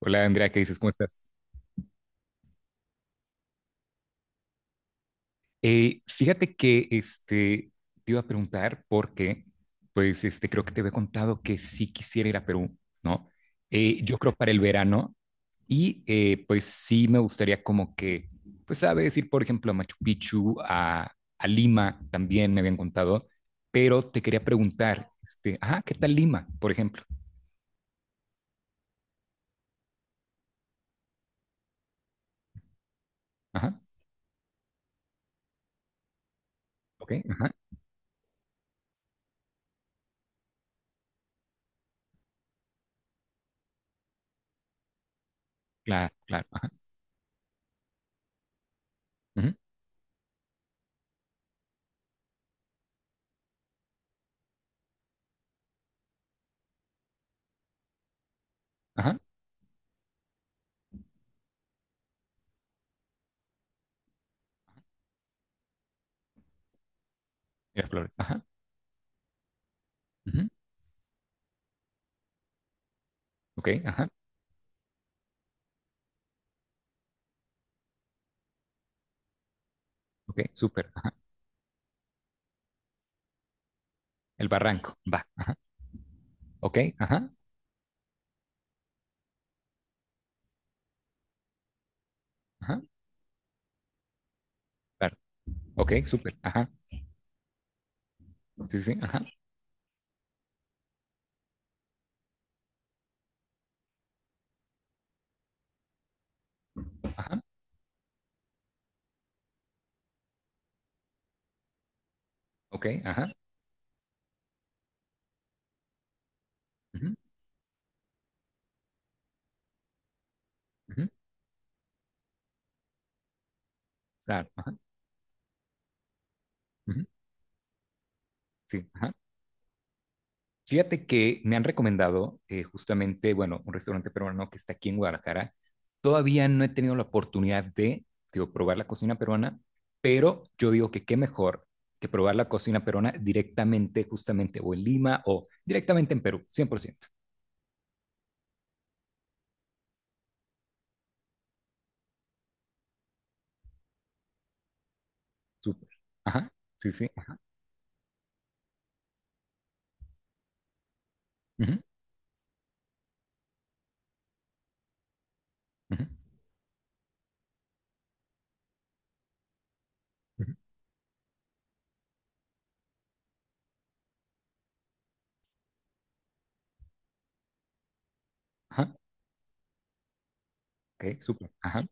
Hola Andrea, ¿qué dices? ¿Cómo estás? Fíjate que este, te iba a preguntar porque, pues este, creo que te había contado que sí quisiera ir a Perú, ¿no? Yo creo para el verano y pues sí me gustaría como que, pues sabes, ir por ejemplo a Machu Picchu, a Lima también me habían contado, pero te quería preguntar, este, ajá, ¿qué tal Lima, por ejemplo? Ajá, ok, ajá, claro, claro, ajá, ujú, ajá, Miraflores, ajá, ujú, ok, ajá, ok, súper, ajá. El barranco, va, ajá, ok, ajá, ajá, claro, ok, súper, ajá, sí, sí, ajá, ajá, ok, ajá, ujú, ujú, claro, ajá, ujú, sí, ajá. Fíjate que me han recomendado justamente, bueno, un restaurante peruano que está aquí en Guadalajara. Todavía no he tenido la oportunidad de, digo, probar la cocina peruana, pero yo digo que qué mejor que probar la cocina peruana directamente, justamente, o en Lima o directamente en Perú, 100%. Súper. Ajá, sí, sí, ajá, ujú, ujú, ujú, ajá, ok, súper. Ajá.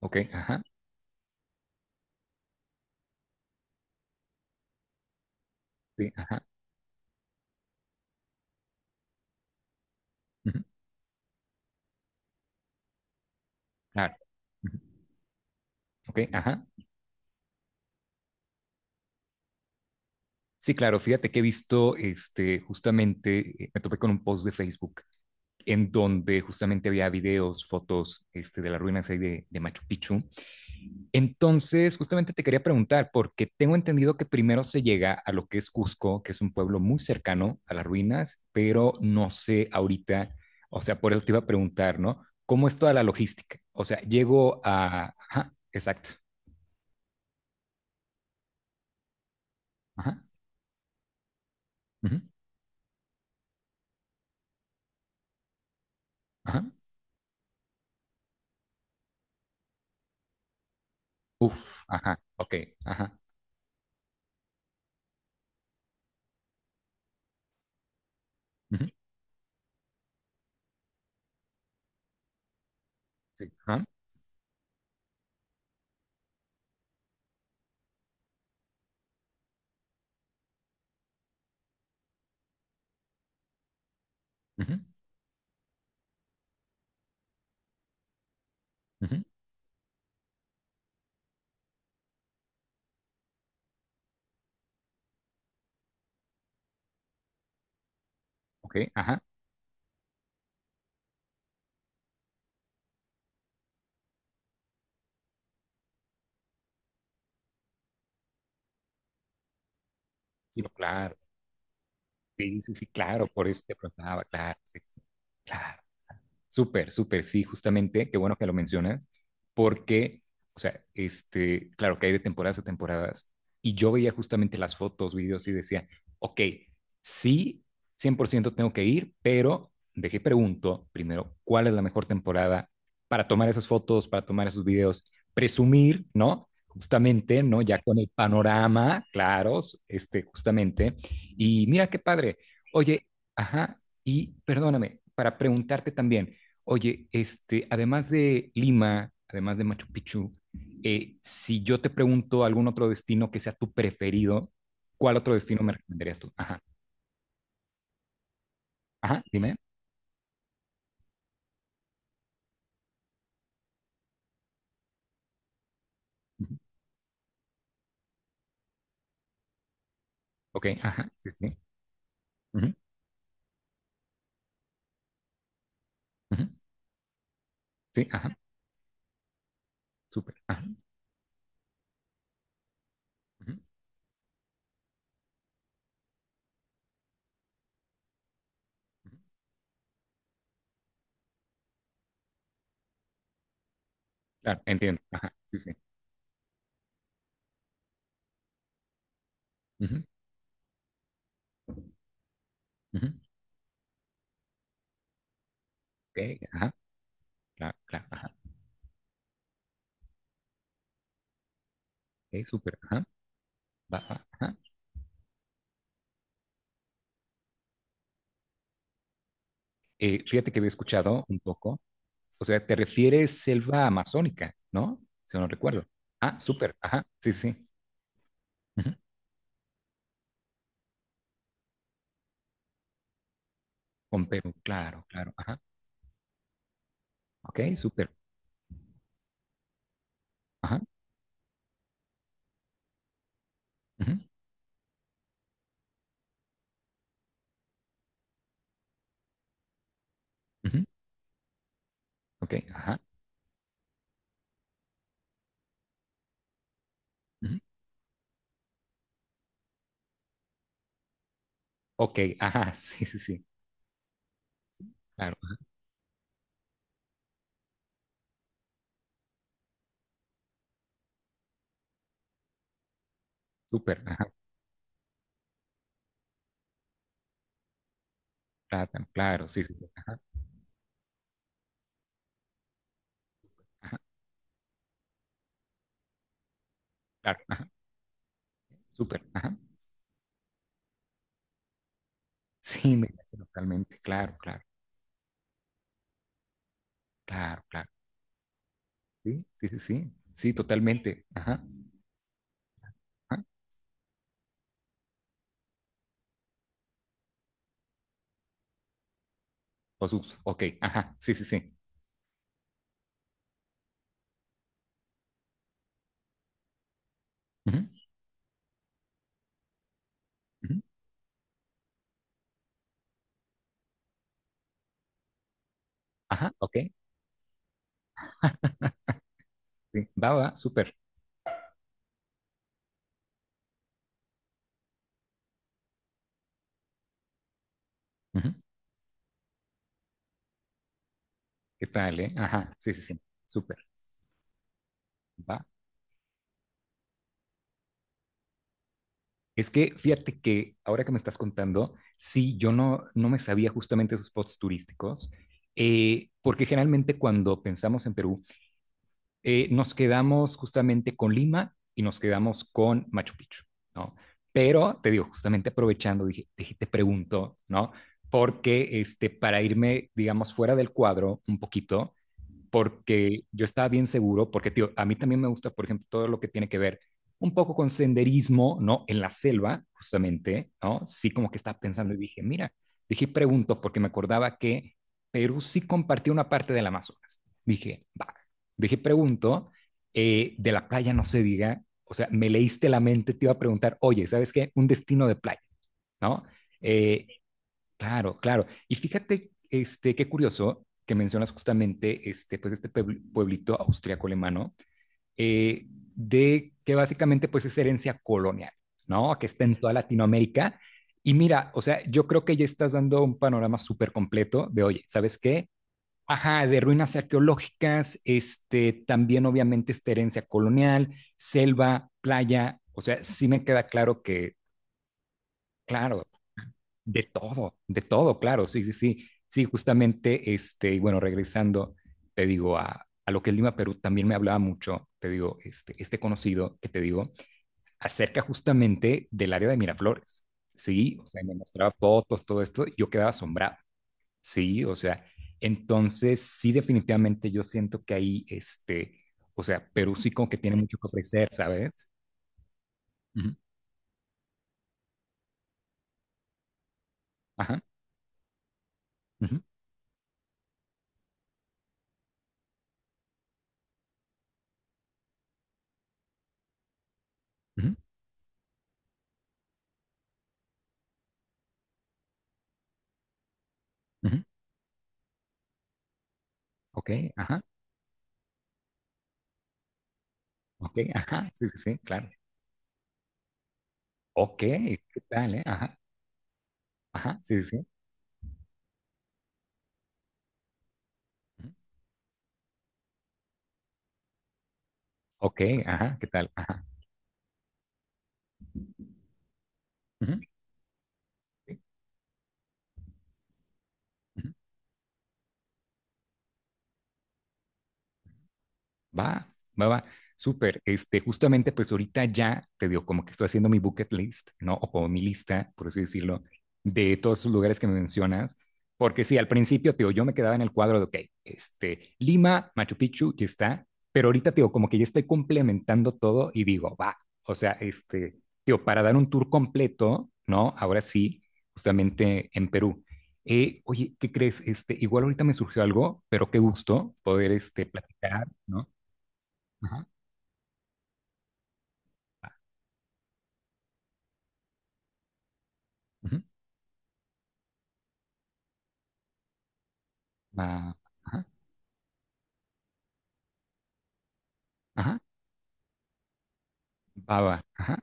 Ok, ajá. Sí, ajá. Ujú, claro. Ujú, ok, ajá. Sí, claro. Fíjate que he visto, este, justamente, me topé con un post de Facebook en donde justamente había videos, fotos, este, de las ruinas ahí de Machu Picchu. Entonces, justamente te quería preguntar, porque tengo entendido que primero se llega a lo que es Cusco, que es un pueblo muy cercano a las ruinas, pero no sé ahorita, o sea, por eso te iba a preguntar, ¿no? ¿Cómo es toda la logística? O sea, llego a... Ajá, exacto. Ajá. Ujú, ajá. Uf. Ajá. Ok. Ajá. Ujú, sí. Ajá. Ujú, ujú, ok. Ajá. Sí, no, claro. Sí, sí, sí, claro. Por eso te preguntaba. Claro. Sí, sí. Claro. Súper, súper, sí, justamente, qué bueno que lo mencionas, porque, o sea, este, claro que hay de temporadas a temporadas, y yo veía justamente las fotos, videos y decía, ok, sí, 100% tengo que ir, pero dejé pregunto primero, ¿cuál es la mejor temporada para tomar esas fotos, para tomar esos videos? Presumir, ¿no? Justamente, ¿no? Ya con el panorama, claros, este, justamente, y mira qué padre, oye, ajá, y perdóname, para preguntarte también, oye, este, además de Lima, además de Machu Picchu, si yo te pregunto algún otro destino que sea tu preferido, ¿cuál otro destino me recomendarías tú? Ajá, ajá, dime. Ujú, ok, ajá, sí, sí. Ujú, ujú, sí, ajá, súper. Ajá, ujú, ujú, claro, entiendo. Ajá, sí, sí. Ujú, ujú, ok, ajá, claro, claro, ajá, ok, súper, ajá, va, va, ajá. Fíjate que había escuchado un poco, o sea, te refieres selva amazónica, ¿no? Si no recuerdo. Ah, súper, ajá, sí, sí. Ujú, con Perú, claro, claro, ajá, ok, súper, ajá, ujú, ujú, ok, ajá, ujú, ok, ajá, sí, sí, sí, claro, ajá, súper, ajá, plátano, claro, sí, sí, sí, ajá, ajá, claro, ajá, súper, ajá, sí, me parece totalmente, claro, claro, claro, claro, sí, sí, sí, sí, sí, totalmente, ajá, ajá, osus, ok, ajá, sí, sí, sí, ujú, ujú, ajá, ok, sí, va, va, súper, ujú, ¿qué tal, eh? Ajá, sí, sí, sí, súper, va, es que fíjate que ahora que me estás contando, sí, yo no, no me sabía justamente esos spots turísticos, porque generalmente cuando pensamos en Perú, nos quedamos justamente con Lima y nos quedamos con Machu Picchu, ¿no? Pero te digo, justamente aprovechando, dije, dije, te pregunto, ¿no? Porque este, para irme, digamos, fuera del cuadro un poquito, porque yo estaba bien seguro, porque tío, a mí también me gusta, por ejemplo, todo lo que tiene que ver un poco con senderismo, ¿no? En la selva, justamente, ¿no? Sí, como que estaba pensando y dije, mira, dije, pregunto, porque me acordaba que Perú sí compartía una parte del Amazonas. Dije, va, dije, pregunto, de la playa no se diga, o sea, me leíste la mente, te iba a preguntar, oye, ¿sabes qué? Un destino de playa, ¿no? Eh, claro, claro. Y fíjate, este, qué curioso que mencionas justamente este, pues este pueblito austriaco-alemano, de que básicamente pues es herencia colonial, ¿no? Que está en toda Latinoamérica. Y mira, o sea, yo creo que ya estás dando un panorama súper completo de, oye, ¿sabes qué? Ajá, de ruinas arqueológicas, este, también obviamente esta herencia colonial, selva, playa, o sea, sí me queda claro que, claro, de todo, claro, sí, sí, sí. Sí, justamente, este, y bueno, regresando, te digo, a lo que es Lima, Perú, también me hablaba mucho, te digo, este conocido que te digo, acerca justamente del área de Miraflores, ¿sí? O sea, me mostraba fotos, todo esto, y yo quedaba asombrado, ¿sí? O sea, entonces, sí, definitivamente yo siento que ahí, este, o sea, Perú sí como que tiene mucho que ofrecer, ¿sabes? Ujú, ajá, ujú, ujú, ujú, ok, ajá, ok, ajá, sí, sí, sí, claro. Ok, ¿qué tal, eh? Ajá, ajá, sí, sí. sí. Ujú. Ok, ajá, ¿qué tal? Ajá. Ujú, sí, ujú. Va, va, va. Súper. Este, justamente, pues ahorita ya te digo, como que estoy haciendo mi bucket list, ¿no? O como mi lista, por así decirlo, de todos esos lugares que me mencionas. Porque sí, al principio, te digo, yo me quedaba en el cuadro de, ok, este, Lima, Machu Picchu, ya está. Pero ahorita, te digo, como que ya estoy complementando todo y digo, va. O sea, este, digo, para dar un tour completo, ¿no? Ahora sí, justamente en Perú. Oye, ¿qué crees? Este, igual ahorita me surgió algo, pero qué gusto poder, este, platicar, ¿no? Ajá. Ah, ujú, ba- ajá, ajá, baba. Ajá.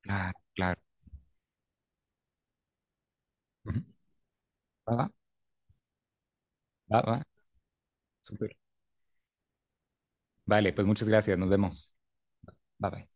Claro, claro. Ujú, baba, baba. Súper. Vale, pues muchas gracias. Nos vemos. Bye bye.